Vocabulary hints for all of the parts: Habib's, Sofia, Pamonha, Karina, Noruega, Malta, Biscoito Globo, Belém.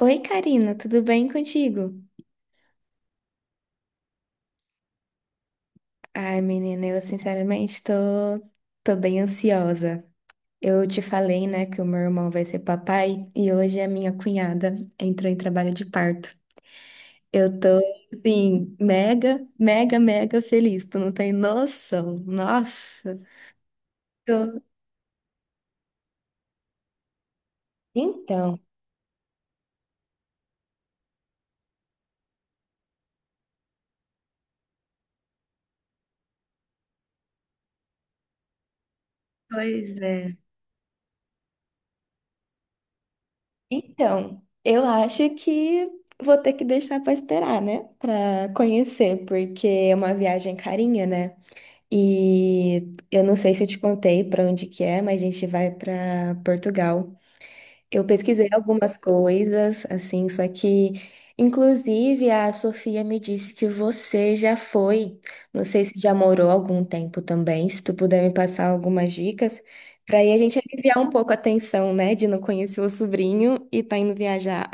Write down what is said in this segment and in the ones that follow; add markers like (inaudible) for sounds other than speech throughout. Oi, Karina, tudo bem contigo? Ai, menina, eu sinceramente tô bem ansiosa. Eu te falei, né, que o meu irmão vai ser papai e hoje a minha cunhada entrou em trabalho de parto. Eu tô, assim, mega, mega, mega feliz. Tu não tem noção. Nossa. Tô- Então, Pois é. Então, eu acho que vou ter que deixar pra esperar, né, pra conhecer, porque é uma viagem carinha, né? E eu não sei se eu te contei para onde que é, mas a gente vai para Portugal. Eu pesquisei algumas coisas, assim, só que, inclusive, a Sofia me disse que você já foi. Não sei se já morou algum tempo também. Se tu puder me passar algumas dicas, para aí a gente aliviar um pouco a tensão, né, de não conhecer o sobrinho e tá indo viajar.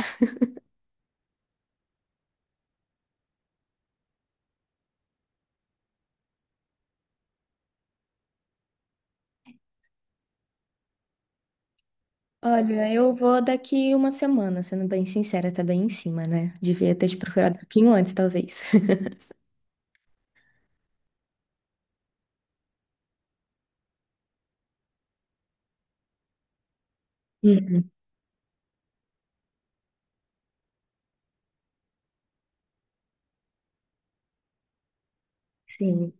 Olha, eu vou daqui uma semana, sendo bem sincera, tá bem em cima, né? Devia ter te procurado um pouquinho antes, talvez. (laughs) Hum. Sim.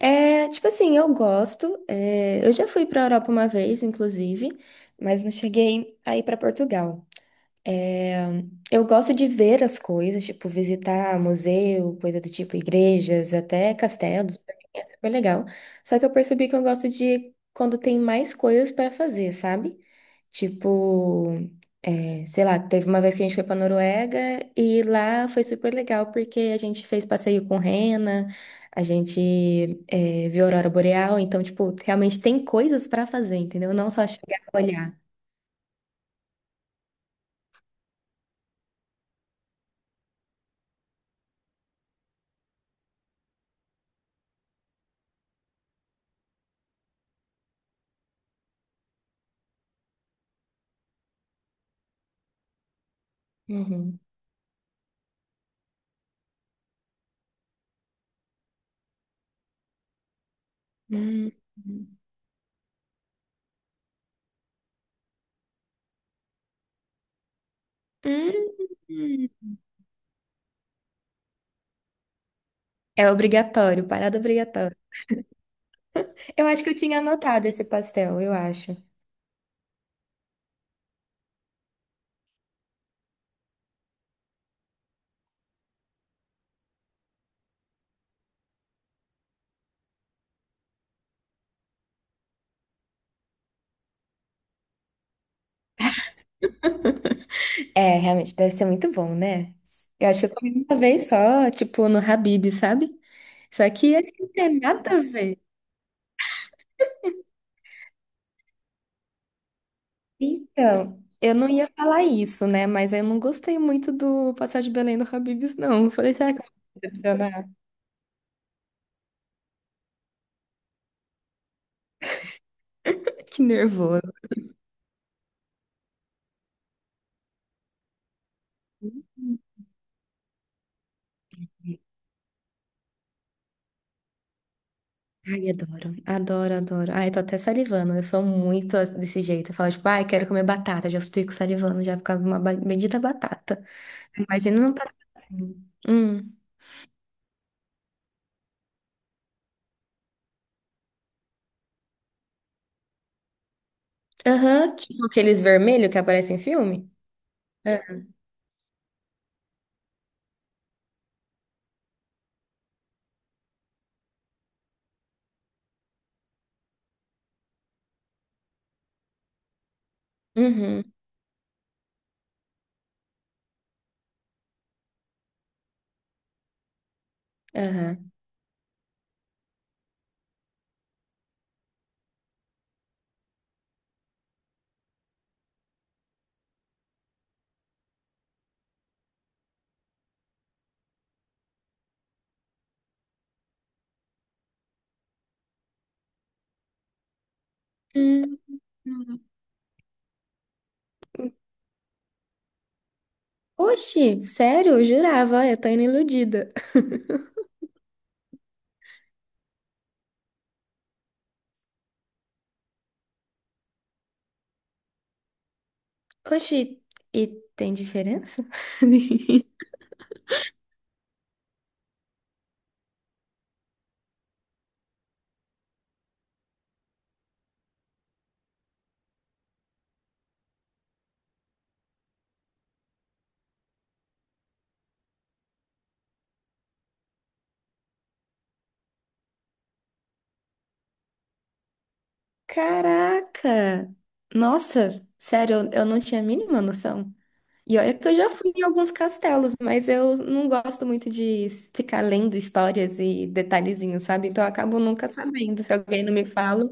É, tipo assim, eu gosto. É, eu já fui pra Europa uma vez, inclusive, mas não cheguei aí ir pra Portugal. É, eu gosto de ver as coisas, tipo, visitar museu, coisa do tipo, igrejas, até castelos, pra mim é super legal. Só que eu percebi que eu gosto de quando tem mais coisas para fazer, sabe? Tipo, é, sei lá, teve uma vez que a gente foi pra Noruega e lá foi super legal porque a gente fez passeio com rena, a gente é, viu a aurora boreal, então, tipo, realmente tem coisas para fazer, entendeu? Não só chegar e olhar. Uhum. Hum. Hum, hum. É obrigatório, parada obrigatória. Eu acho que eu tinha anotado esse pastel, eu acho. É, realmente, deve ser muito bom, né? Eu acho que eu comi uma vez só, tipo, no Habib, sabe? Só que acho que não tem nada a ver. Então, eu não ia falar isso, né? Mas eu não gostei muito do pastel de Belém do Habib's, não. Eu falei, será que eu vou me decepcionar? Que nervoso. Ai, adoro, adoro, adoro. Ai, tô até salivando. Eu sou muito desse jeito. Eu falo, tipo, ai, quero comer batata. Já fico salivando, já por causa de uma bendita batata. Imagina não passar assim. Hum. Aham, tipo aqueles vermelhos que aparecem em filme? É. Uhum, aham. Hum, hum. Oxi, sério? Eu jurava, ai, eu tô indo iludida. (laughs) Oxi, e tem diferença? (laughs) Caraca! Nossa, sério, eu não tinha a mínima noção. E olha que eu já fui em alguns castelos, mas eu não gosto muito de ficar lendo histórias e detalhezinhos, sabe? Então eu acabo nunca sabendo, se alguém não me fala.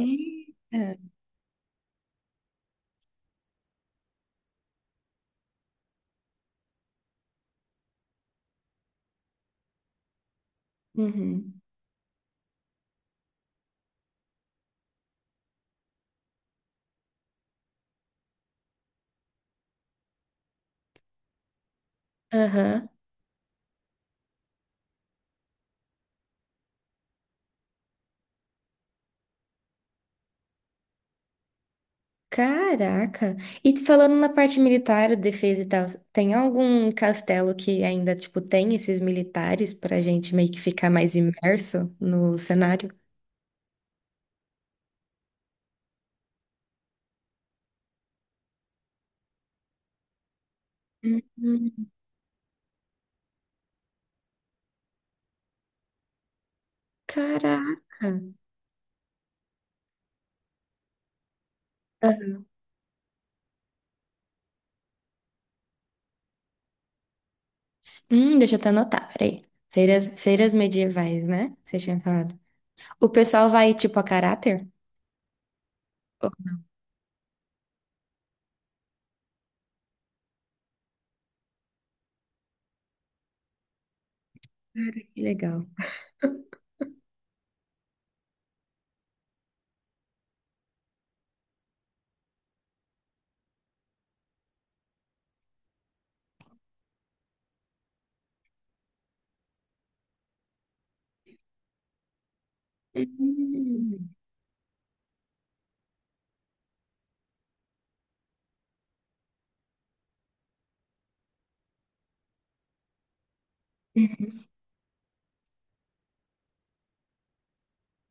Eita. Uhum. Aham. Caraca. E falando na parte militar, defesa e tal, tem algum castelo que ainda, tipo, tem esses militares pra gente meio que ficar mais imerso no cenário? Uhum. Caraca. Deixa eu até anotar, peraí. Feiras medievais, né? Você tinha falado. O pessoal vai, tipo, a caráter? Oh, que legal. Hum. Uhum.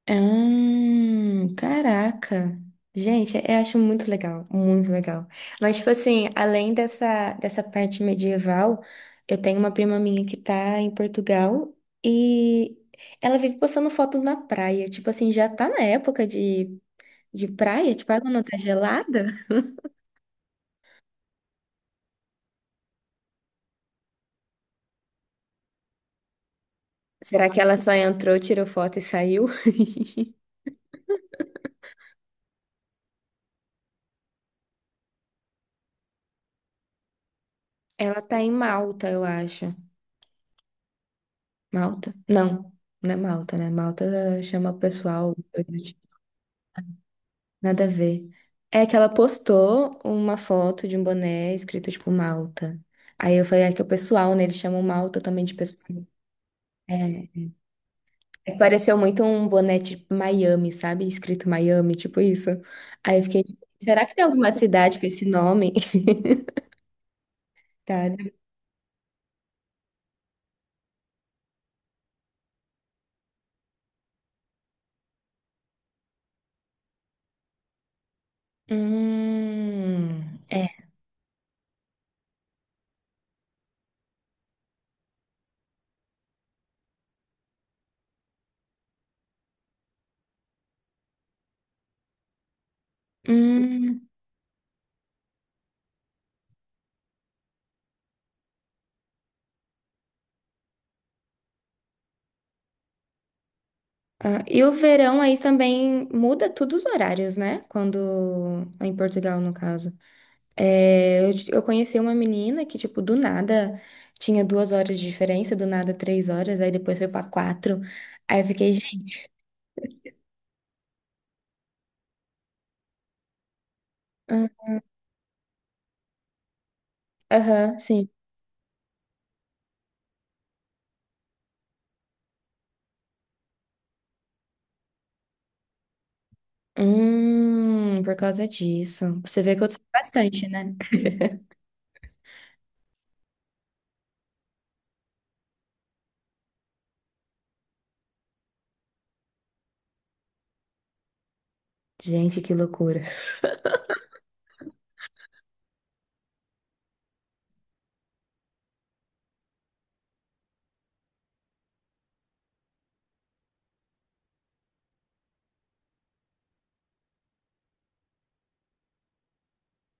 Ah, caraca. Gente, eu acho muito legal, muito legal. Mas, tipo assim, além dessa parte medieval, eu tenho uma prima minha que tá em Portugal e ela vive postando fotos na praia. Tipo assim, já tá na época de praia, tipo, a água não tá gelada? Será que ela só entrou, tirou foto e saiu? (laughs) Ela tá em Malta, eu acho. Malta? Não, não é Malta, né? Malta chama o pessoal, coisa do tipo. Nada a ver. É que ela postou uma foto de um boné escrito tipo Malta. Aí eu falei, é que é o pessoal, né? Eles chamam Malta também de pessoal. É, é que pareceu muito um boné tipo Miami, sabe? Escrito Miami, tipo isso. Aí eu fiquei, será que tem alguma cidade com esse nome? (laughs) Tá. É. Hum. Ah, e o verão aí também muda tudo os horários, né? Quando em Portugal, no caso. É, eu conheci uma menina que, tipo, do nada tinha 2 horas de diferença, do nada 3 horas, aí depois foi pra 4. Aí eu fiquei, gente. Ah, aham, sim. Por causa disso. Você vê que eu sou bastante, né? Gente, que loucura.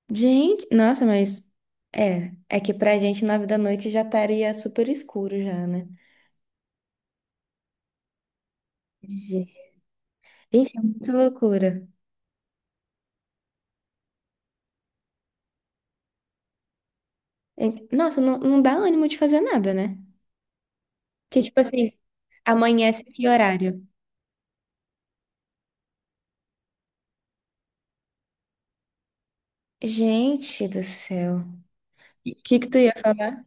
Gente, nossa, mas é que pra gente 9 da noite já estaria super escuro já, né? Gente, é muito loucura. É- nossa, não, não dá ânimo de fazer nada, né? Porque, tipo assim, amanhece que horário? Gente do céu. O que que tu ia falar?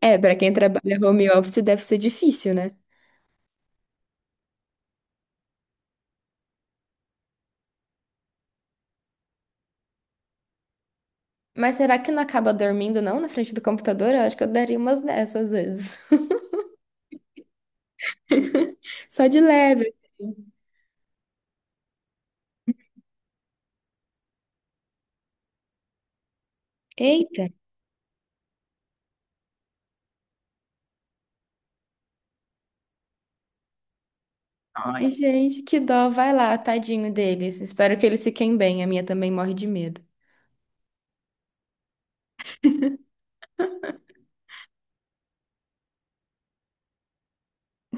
É, pra quem trabalha home office deve ser difícil, né? Mas será que não acaba dormindo, não, na frente do computador? Eu acho que eu daria umas dessas às vezes. (laughs) Só de leve. Eita. Ai, gente, que dó. Vai lá, tadinho deles. Espero que eles fiquem bem. A minha também morre de medo.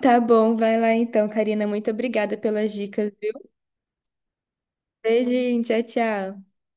Tá bom, vai lá então, Karina. Muito obrigada pelas dicas. Beijinho, tchau, tchau.